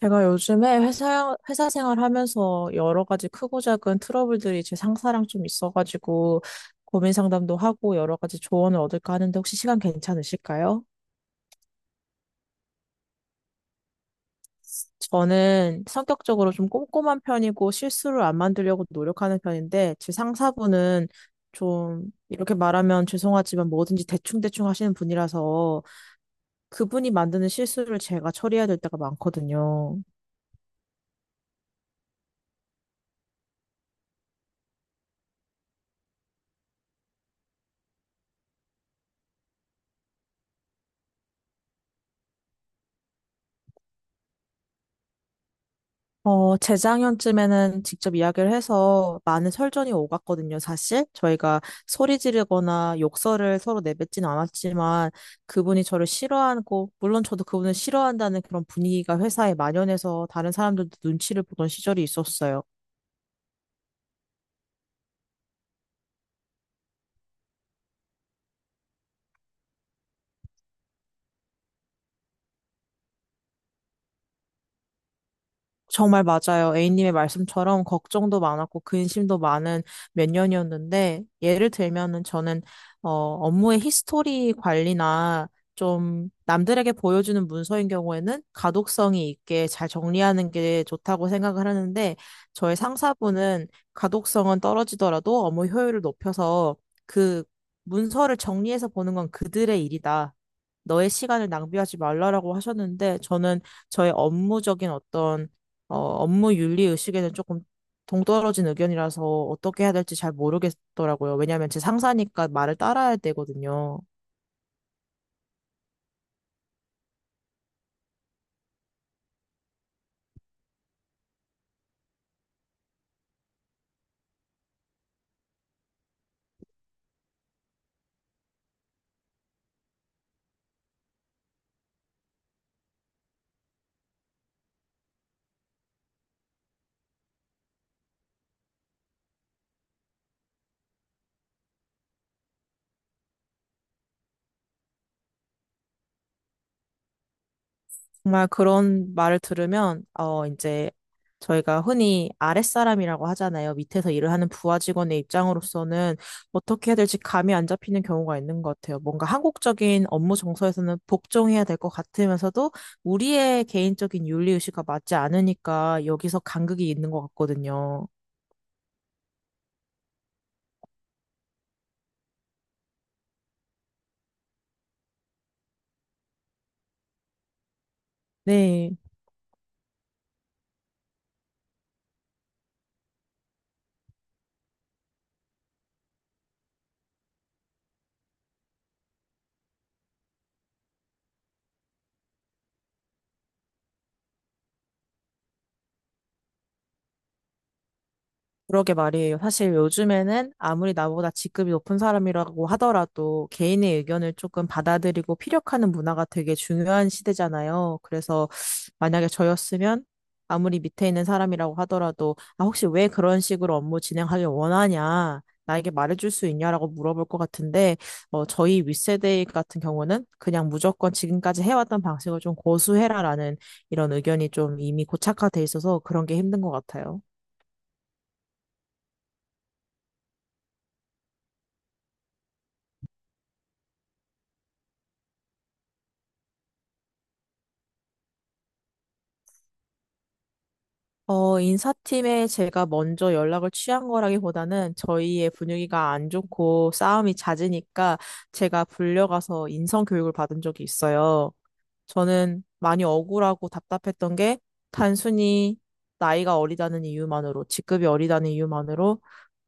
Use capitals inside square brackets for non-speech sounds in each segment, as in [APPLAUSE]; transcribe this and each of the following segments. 제가 요즘에 회사 생활하면서 여러 가지 크고 작은 트러블들이 제 상사랑 좀 있어가지고 고민 상담도 하고 여러 가지 조언을 얻을까 하는데 혹시 시간 괜찮으실까요? 저는 성격적으로 좀 꼼꼼한 편이고 실수를 안 만들려고 노력하는 편인데 제 상사분은 좀 이렇게 말하면 죄송하지만 뭐든지 대충대충 하시는 분이라서 그분이 만드는 실수를 제가 처리해야 될 때가 많거든요. 재작년쯤에는 직접 이야기를 해서 많은 설전이 오갔거든요, 사실. 저희가 소리 지르거나 욕설을 서로 내뱉진 않았지만 그분이 저를 싫어하고, 물론 저도 그분을 싫어한다는 그런 분위기가 회사에 만연해서 다른 사람들도 눈치를 보던 시절이 있었어요. 정말 맞아요. A님의 말씀처럼 걱정도 많았고 근심도 많은 몇 년이었는데 예를 들면은 저는 업무의 히스토리 관리나 좀 남들에게 보여주는 문서인 경우에는 가독성이 있게 잘 정리하는 게 좋다고 생각을 하는데 저의 상사분은 가독성은 떨어지더라도 업무 효율을 높여서 그 문서를 정리해서 보는 건 그들의 일이다. 너의 시간을 낭비하지 말라라고 하셨는데 저는 저의 업무적인 어떤 업무 윤리 의식에는 조금 동떨어진 의견이라서 어떻게 해야 될지 잘 모르겠더라고요. 왜냐하면 제 상사니까 말을 따라야 되거든요. 정말 그런 말을 들으면 이제 저희가 흔히 아랫사람이라고 하잖아요. 밑에서 일을 하는 부하 직원의 입장으로서는 어떻게 해야 될지 감이 안 잡히는 경우가 있는 것 같아요. 뭔가 한국적인 업무 정서에서는 복종해야 될 것 같으면서도 우리의 개인적인 윤리 의식과 맞지 않으니까 여기서 간극이 있는 것 같거든요. 네. 그러게 말이에요. 사실 요즘에는 아무리 나보다 직급이 높은 사람이라고 하더라도 개인의 의견을 조금 받아들이고 피력하는 문화가 되게 중요한 시대잖아요. 그래서 만약에 저였으면 아무리 밑에 있는 사람이라고 하더라도 아, 혹시 왜 그런 식으로 업무 진행하길 원하냐? 나에게 말해줄 수 있냐라고 물어볼 것 같은데, 저희 윗세대 같은 경우는 그냥 무조건 지금까지 해왔던 방식을 좀 고수해라라는 이런 의견이 좀 이미 고착화돼 있어서 그런 게 힘든 것 같아요. 인사팀에 제가 먼저 연락을 취한 거라기보다는 저희의 분위기가 안 좋고 싸움이 잦으니까 제가 불려가서 인성 교육을 받은 적이 있어요. 저는 많이 억울하고 답답했던 게 단순히 나이가 어리다는 이유만으로, 직급이 어리다는 이유만으로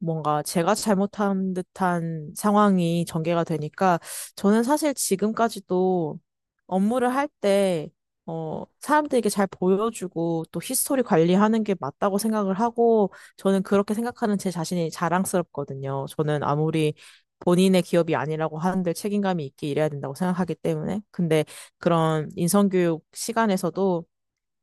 뭔가 제가 잘못한 듯한 상황이 전개가 되니까 저는 사실 지금까지도 업무를 할 때, 사람들에게 잘 보여주고 또 히스토리 관리하는 게 맞다고 생각을 하고 저는 그렇게 생각하는 제 자신이 자랑스럽거든요. 저는 아무리 본인의 기업이 아니라고 하는데 책임감이 있게 일해야 된다고 생각하기 때문에. 근데 그런 인성교육 시간에서도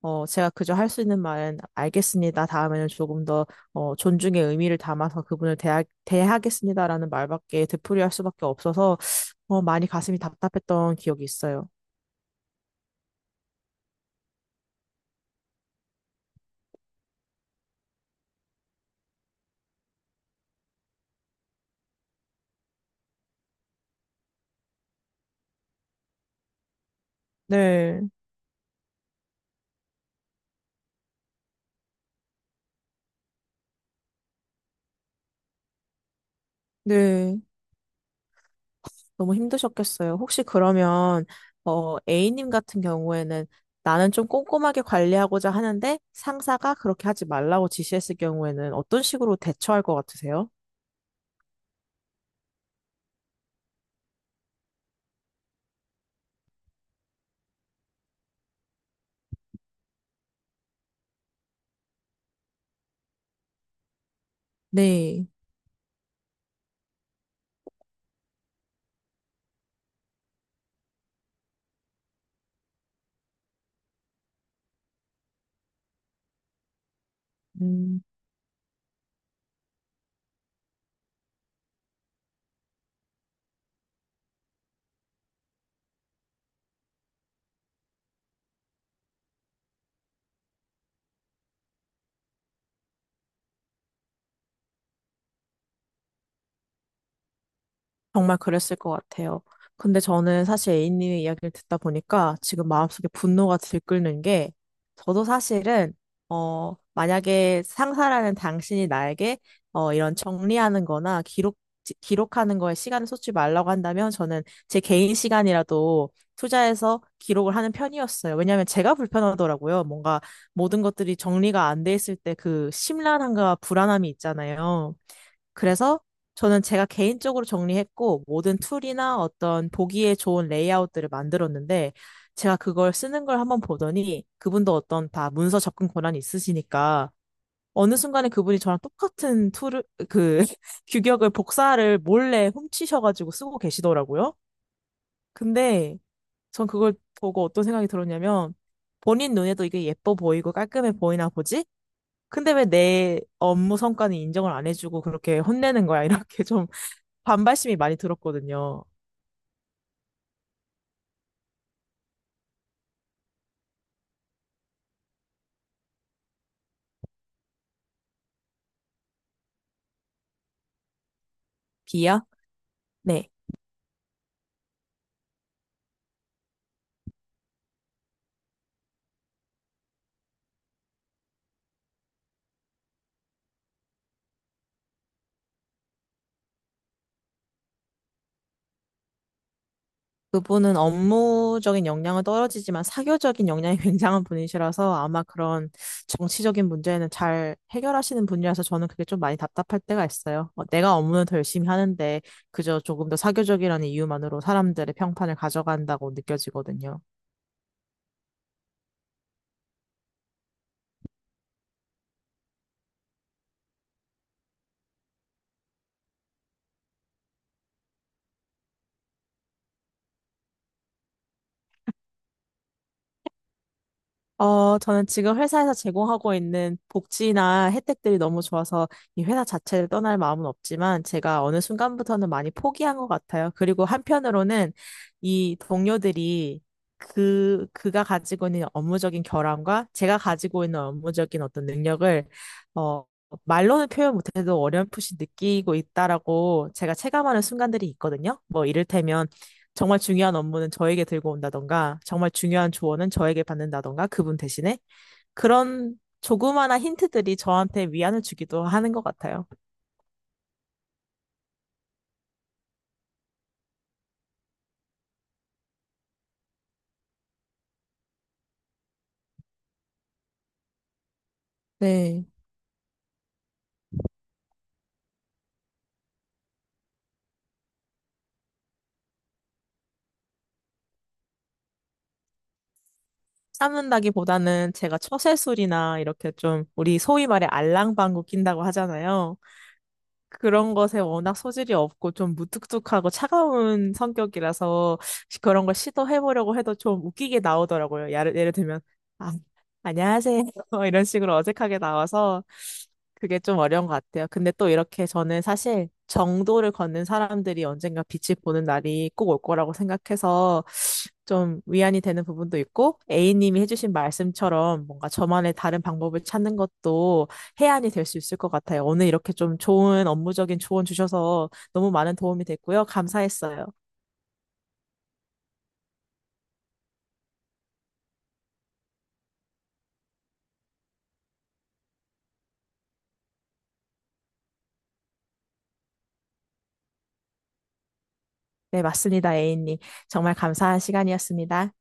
제가 그저 할 수 있는 말은 알겠습니다. 다음에는 조금 더 존중의 의미를 담아서 대하겠습니다라는 말밖에 되풀이할 수밖에 없어서 많이 가슴이 답답했던 기억이 있어요. 네, 네. 너무 힘드셨겠어요. 혹시 그러면 A님 같은 경우에는 나는 좀 꼼꼼하게 관리하고자 하는데 상사가 그렇게 하지 말라고 지시했을 경우에는 어떤 식으로 대처할 것 같으세요? 네. 음. 정말 그랬을 것 같아요. 근데 저는 사실 A님의 이야기를 듣다 보니까 지금 마음속에 분노가 들끓는 게 저도 사실은 만약에 상사라는 당신이 나에게 이런 정리하는 거나 기록하는 거에 시간을 쏟지 말라고 한다면 저는 제 개인 시간이라도 투자해서 기록을 하는 편이었어요. 왜냐하면 제가 불편하더라고요. 뭔가 모든 것들이 정리가 안 돼 있을 때 그 심란함과 불안함이 있잖아요. 그래서 저는 제가 개인적으로 정리했고, 모든 툴이나 어떤 보기에 좋은 레이아웃들을 만들었는데, 제가 그걸 쓰는 걸 한번 보더니, 그분도 어떤 다 문서 접근 권한이 있으시니까, 어느 순간에 그분이 저랑 똑같은 툴을, 그, [LAUGHS] 규격을, 복사를 몰래 훔치셔가지고 쓰고 계시더라고요. 근데 전 그걸 보고 어떤 생각이 들었냐면, 본인 눈에도 이게 예뻐 보이고 깔끔해 보이나 보지? 근데 왜 내 업무 성과는 인정을 안 해주고 그렇게 혼내는 거야? [LAUGHS] 이렇게 좀 반발심이 많이 들었거든요. 비요? 네. 그분은 업무적인 역량은 떨어지지만 사교적인 역량이 [LAUGHS] 굉장한 분이시라서 아마 그런 정치적인 문제는 잘 해결하시는 분이라서 저는 그게 좀 많이 답답할 때가 있어요. 어, 내가 업무는 더 열심히 하는데 그저 조금 더 사교적이라는 이유만으로 사람들의 평판을 가져간다고 느껴지거든요. 저는 지금 회사에서 제공하고 있는 복지나 혜택들이 너무 좋아서 이 회사 자체를 떠날 마음은 없지만 제가 어느 순간부터는 많이 포기한 것 같아요. 그리고 한편으로는 이 동료들이 그가 가지고 있는 업무적인 결함과 제가 가지고 있는 업무적인 어떤 능력을, 어, 말로는 표현 못해도 어렴풋이 느끼고 있다라고 제가 체감하는 순간들이 있거든요. 뭐 이를테면 정말 중요한 업무는 저에게 들고 온다던가, 정말 중요한 조언은 저에게 받는다던가, 그분 대신에 그런 조그마한 힌트들이 저한테 위안을 주기도 하는 것 같아요. 네. 참는다기보다는 제가 처세술이나 이렇게 좀 우리 소위 말해 알랑방구 낀다고 하잖아요. 그런 것에 워낙 소질이 없고 좀 무뚝뚝하고 차가운 성격이라서 그런 걸 시도해보려고 해도 좀 웃기게 나오더라고요. 예를 들면, 아, 안녕하세요. [LAUGHS] 이런 식으로 어색하게 나와서 그게 좀 어려운 것 같아요. 근데 또 이렇게 저는 사실 정도를 걷는 사람들이 언젠가 빛을 보는 날이 꼭 올 거라고 생각해서 좀 위안이 되는 부분도 있고, A님이 해주신 말씀처럼 뭔가 저만의 다른 방법을 찾는 것도 해안이 될 수 있을 것 같아요. 오늘 이렇게 좀 좋은 업무적인 조언 주셔서 너무 많은 도움이 됐고요. 감사했어요. 네, 맞습니다, A님. 정말 감사한 시간이었습니다.